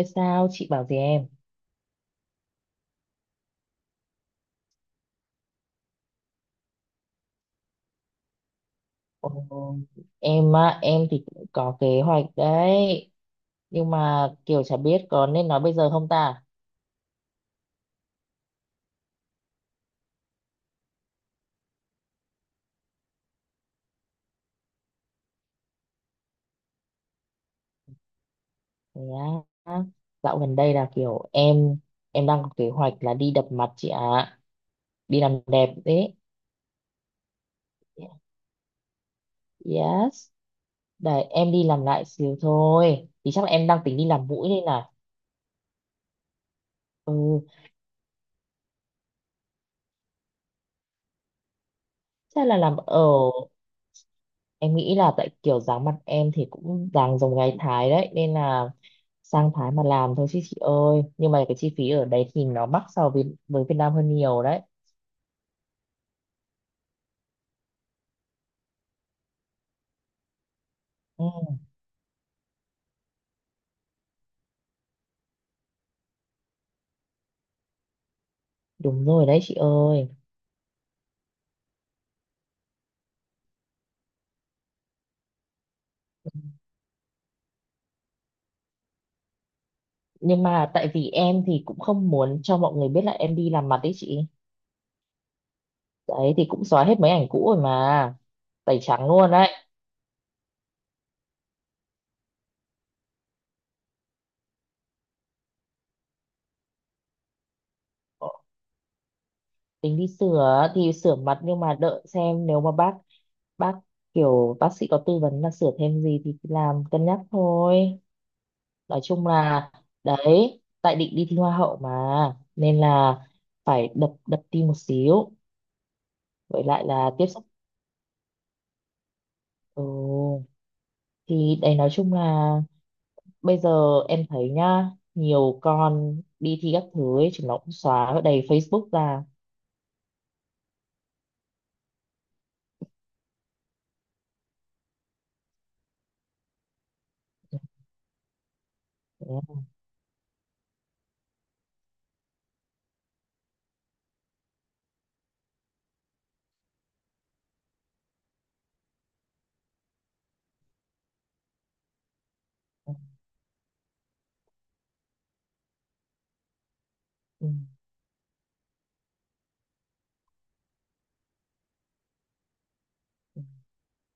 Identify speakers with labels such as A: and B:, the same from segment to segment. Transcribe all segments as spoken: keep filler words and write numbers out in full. A: Ê, sao chị bảo gì em? Ồ, em á, em thì cũng có kế hoạch đấy. Nhưng mà kiểu chả biết có nên nói bây giờ không ta? Thế á, dạo gần đây là kiểu em em đang có kế hoạch là đi đập mặt chị ạ. Đi làm đẹp đấy. Yes. Đấy, em đi làm lại xíu thôi. Thì chắc là em đang tính đi làm mũi đây này. Ừ, chắc là làm ở em nghĩ là tại kiểu dáng mặt em thì cũng dáng giống gái Thái đấy, nên là sang Thái mà làm thôi chứ chị ơi. Nhưng mà cái chi phí ở đấy thì nó mắc so với với Việt Nam hơn nhiều đấy. Ừ, đúng rồi đấy chị ơi. Nhưng mà tại vì em thì cũng không muốn cho mọi người biết là em đi làm mặt đấy chị, đấy thì cũng xóa hết mấy ảnh cũ rồi mà, tẩy trắng luôn đấy. Ờ, tính đi sửa thì sửa mặt nhưng mà đợi xem nếu mà bác bác kiểu bác sĩ có tư vấn là sửa thêm gì thì làm, cân nhắc thôi. Nói chung là đấy, tại định đi thi hoa hậu mà, nên là phải đập đập tim một xíu, với lại là tiếp xúc. Ừ. Thì đấy nói chung là bây giờ em thấy nhá, nhiều con đi thi các thứ ấy chúng nó cũng xóa ở đầy Facebook ra. Ừ.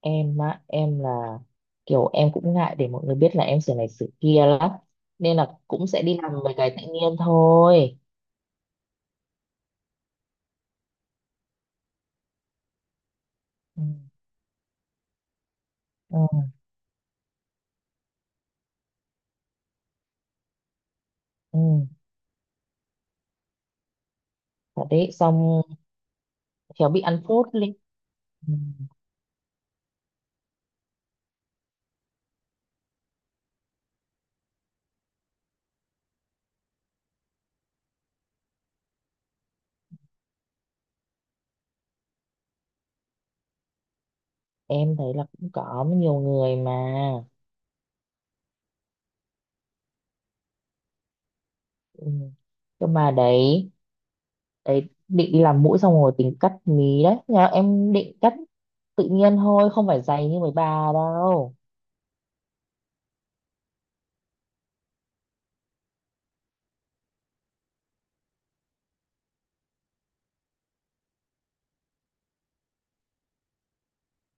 A: Em á, em là kiểu em cũng ngại để mọi người biết là em sửa này sửa kia lắm, nên là cũng sẽ đi làm mấy cái tự nhiên thôi. Ừ. Ừ. Ừ. Thật đấy, xong khéo bị ăn phốt lên. Ừ. Em thấy là cũng có nhiều người mà. Ừ. Nhưng mà đấy, đấy định đi làm mũi xong rồi tính cắt mí đấy, nhà em định cắt tự nhiên thôi, không phải dày như mấy bà đâu.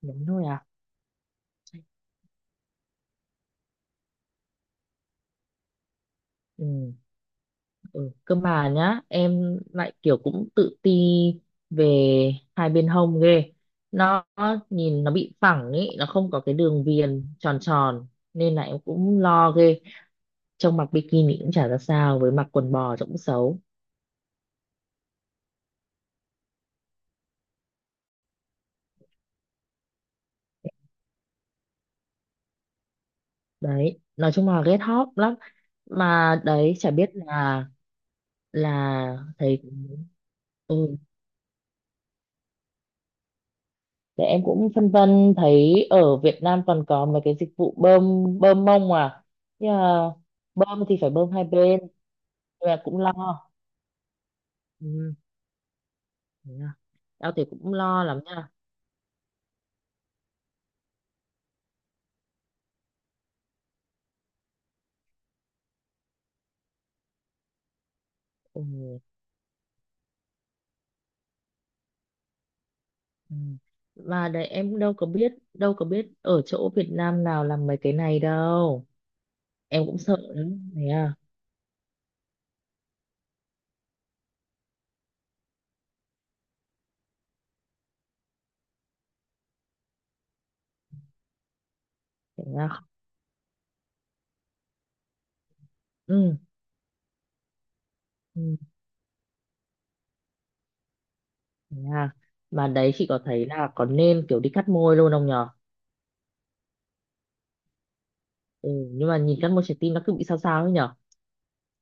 A: Đúng thôi à. Ừ. Ừ. Cơ mà nhá, em lại kiểu cũng tự ti về hai bên hông ghê, nó nhìn nó bị phẳng ý, nó không có cái đường viền tròn tròn, nên là em cũng lo ghê, trông mặc bikini cũng chả ra sao, với mặc quần bò trông cũng xấu đấy. Nói chung là ghét hot lắm, mà đấy chả biết là là thấy. Ừ. Để em cũng phân vân, thấy ở Việt Nam còn có mấy cái dịch vụ bơm bơm mông à, nhưng mà bơm thì phải bơm hai bên, nhưng mà cũng lo. Ừ. Thế à. Tao thì cũng lo lắm nha. Ừ. Ừ. Mà đấy em đâu có biết, đâu có biết ở chỗ Việt Nam nào làm mấy cái này đâu, em cũng sợ lắm. Thế à, thế à? Ừ, ừ, yeah. Mà đấy chị có thấy là có nên kiểu đi cắt môi luôn không nhở. Ừ, nhưng mà nhìn cắt môi trái tim nó cứ bị sao sao ấy nhở,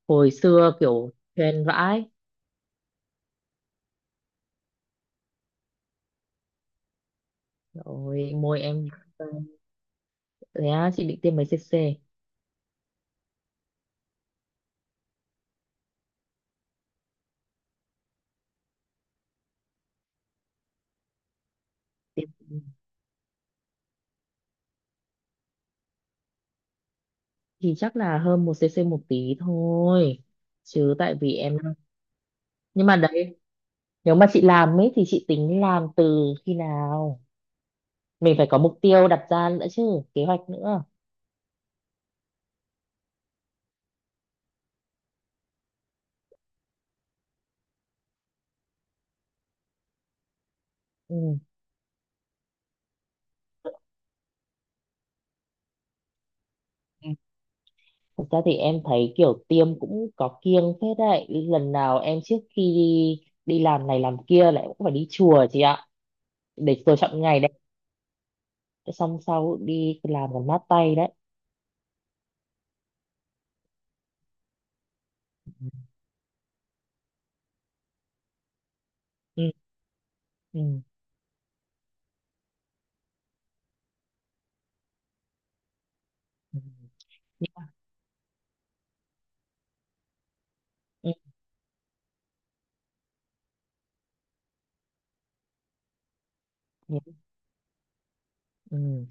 A: hồi xưa kiểu trend vãi rồi môi em. Thế á, chị định tiêm mấy cc. Tiêm thì chắc là hơn một cc một tí thôi, chứ tại vì em. Nhưng mà đấy, nếu mà chị làm ấy thì chị tính làm từ khi nào, mình phải có mục tiêu đặt ra nữa chứ, kế hoạch nữa. Ừ. Thật ra thì em thấy kiểu tiêm cũng có kiêng phết đấy. Lần nào em trước khi đi đi làm này làm kia lại cũng phải đi chùa chị ạ. Để tôi chọn ngày đấy. Xong sau đi làm còn mát tay đấy. Ừ. Ừ. Ừ. Ừ. Ừ. Ừ.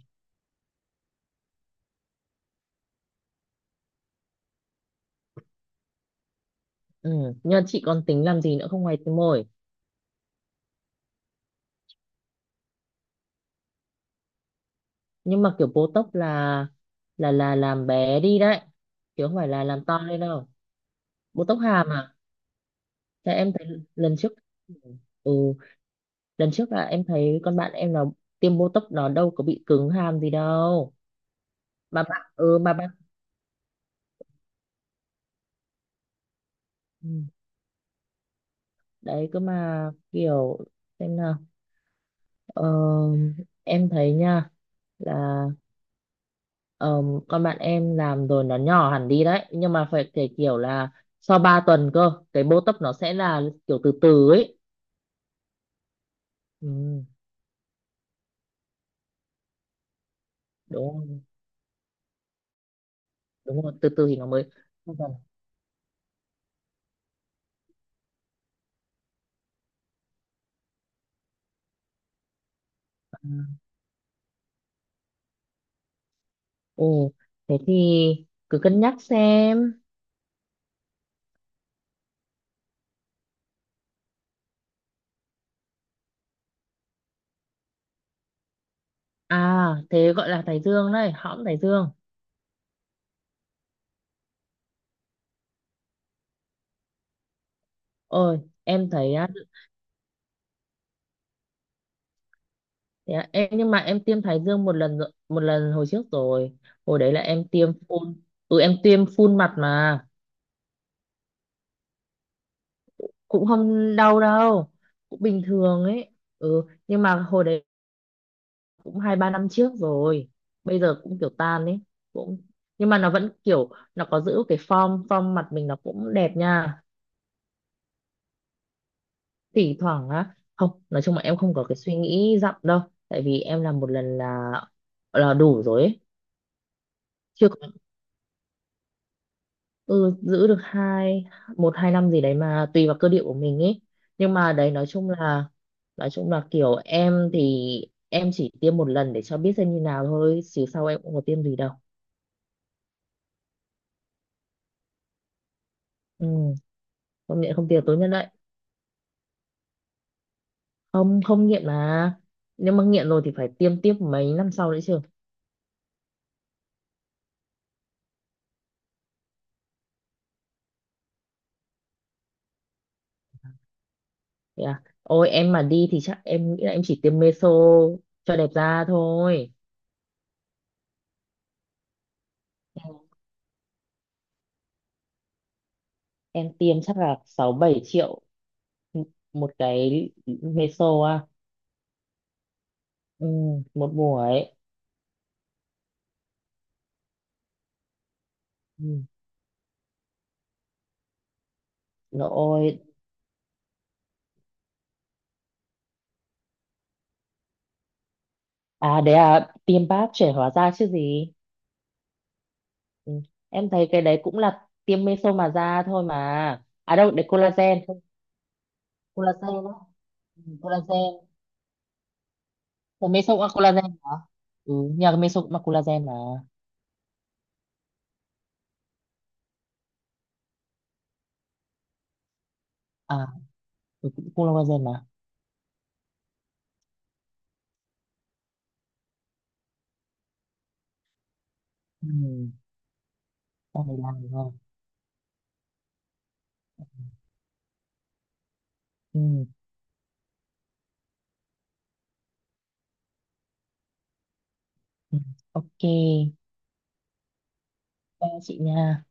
A: Ừ. Nhưng mà chị còn tính làm gì nữa không, ngoài tiêm môi? Nhưng mà kiểu Botox là là là làm bé đi đấy. Chứ không phải là làm to lên đâu. Botox hàm à? Thế em thấy lần trước. Ừ, lần trước là em thấy con bạn em nó tiêm botox nó đâu có bị cứng hàm gì đâu. Mà bạn, ừ, mà bạn. Ừ. Đấy cơ mà kiểu xem nào, ờ, em thấy nha là, ờ, con bạn em làm rồi nó nhỏ hẳn đi đấy, nhưng mà phải kể kiểu là sau ba tuần cơ, cái botox nó sẽ là kiểu từ từ ấy. Ừ, đúng rồi, đúng rồi, từ từ thì nó mới. Sau. Ồ, thế thì cứ cân nhắc xem. À thế gọi là thái dương đấy, hõm thái dương. Ôi, em thấy á, thế á, em nhưng mà em tiêm thái dương một lần rồi, một lần hồi trước rồi. Hồi đấy là em tiêm phun. Ừ, em tiêm phun mặt mà cũng không đau đâu, cũng bình thường ấy. Ừ, nhưng mà hồi đấy cũng hai ba năm trước rồi. Bây giờ cũng kiểu tan ấy, cũng nhưng mà nó vẫn kiểu nó có giữ cái form form mặt mình nó cũng đẹp nha. Thỉnh thoảng á, không, nói chung là em không có cái suy nghĩ dặm đâu, tại vì em làm một lần là là đủ rồi ấy. Chưa có. Ừ, giữ được hai một hai năm gì đấy, mà tùy vào cơ địa của mình ấy. Nhưng mà đấy nói chung là nói chung là kiểu em thì em chỉ tiêm một lần để cho biết xem như nào thôi, chứ sau em cũng có tiêm gì đâu. Ừ, không nghiện không tiêm tối nhất đấy. Không, không nghiện mà, nếu mà nghiện rồi thì phải tiêm tiếp mấy năm sau đấy chứ. Thế à? Ôi em mà đi thì chắc em nghĩ là em chỉ tiêm meso cho đẹp da thôi. Em em tiêm chắc là sáu bảy triệu một cái meso à. Ừ, một buổi. Ừ. Rồi. À đấy, à tiêm báp trẻ hóa da chứ gì. Ừ. Em thấy cái đấy cũng là tiêm meso mà da thôi mà. À đâu, đấy collagen, không, collagen đó. Ừ, collagen. Ủa, meso cũng là collagen hả? Ừ, nhà cái meso cũng là collagen mà. À, ừ, cũng collagen mà. Ừ. Đây làm rồi. Ừ. Ừ. Ok, ba chị nha.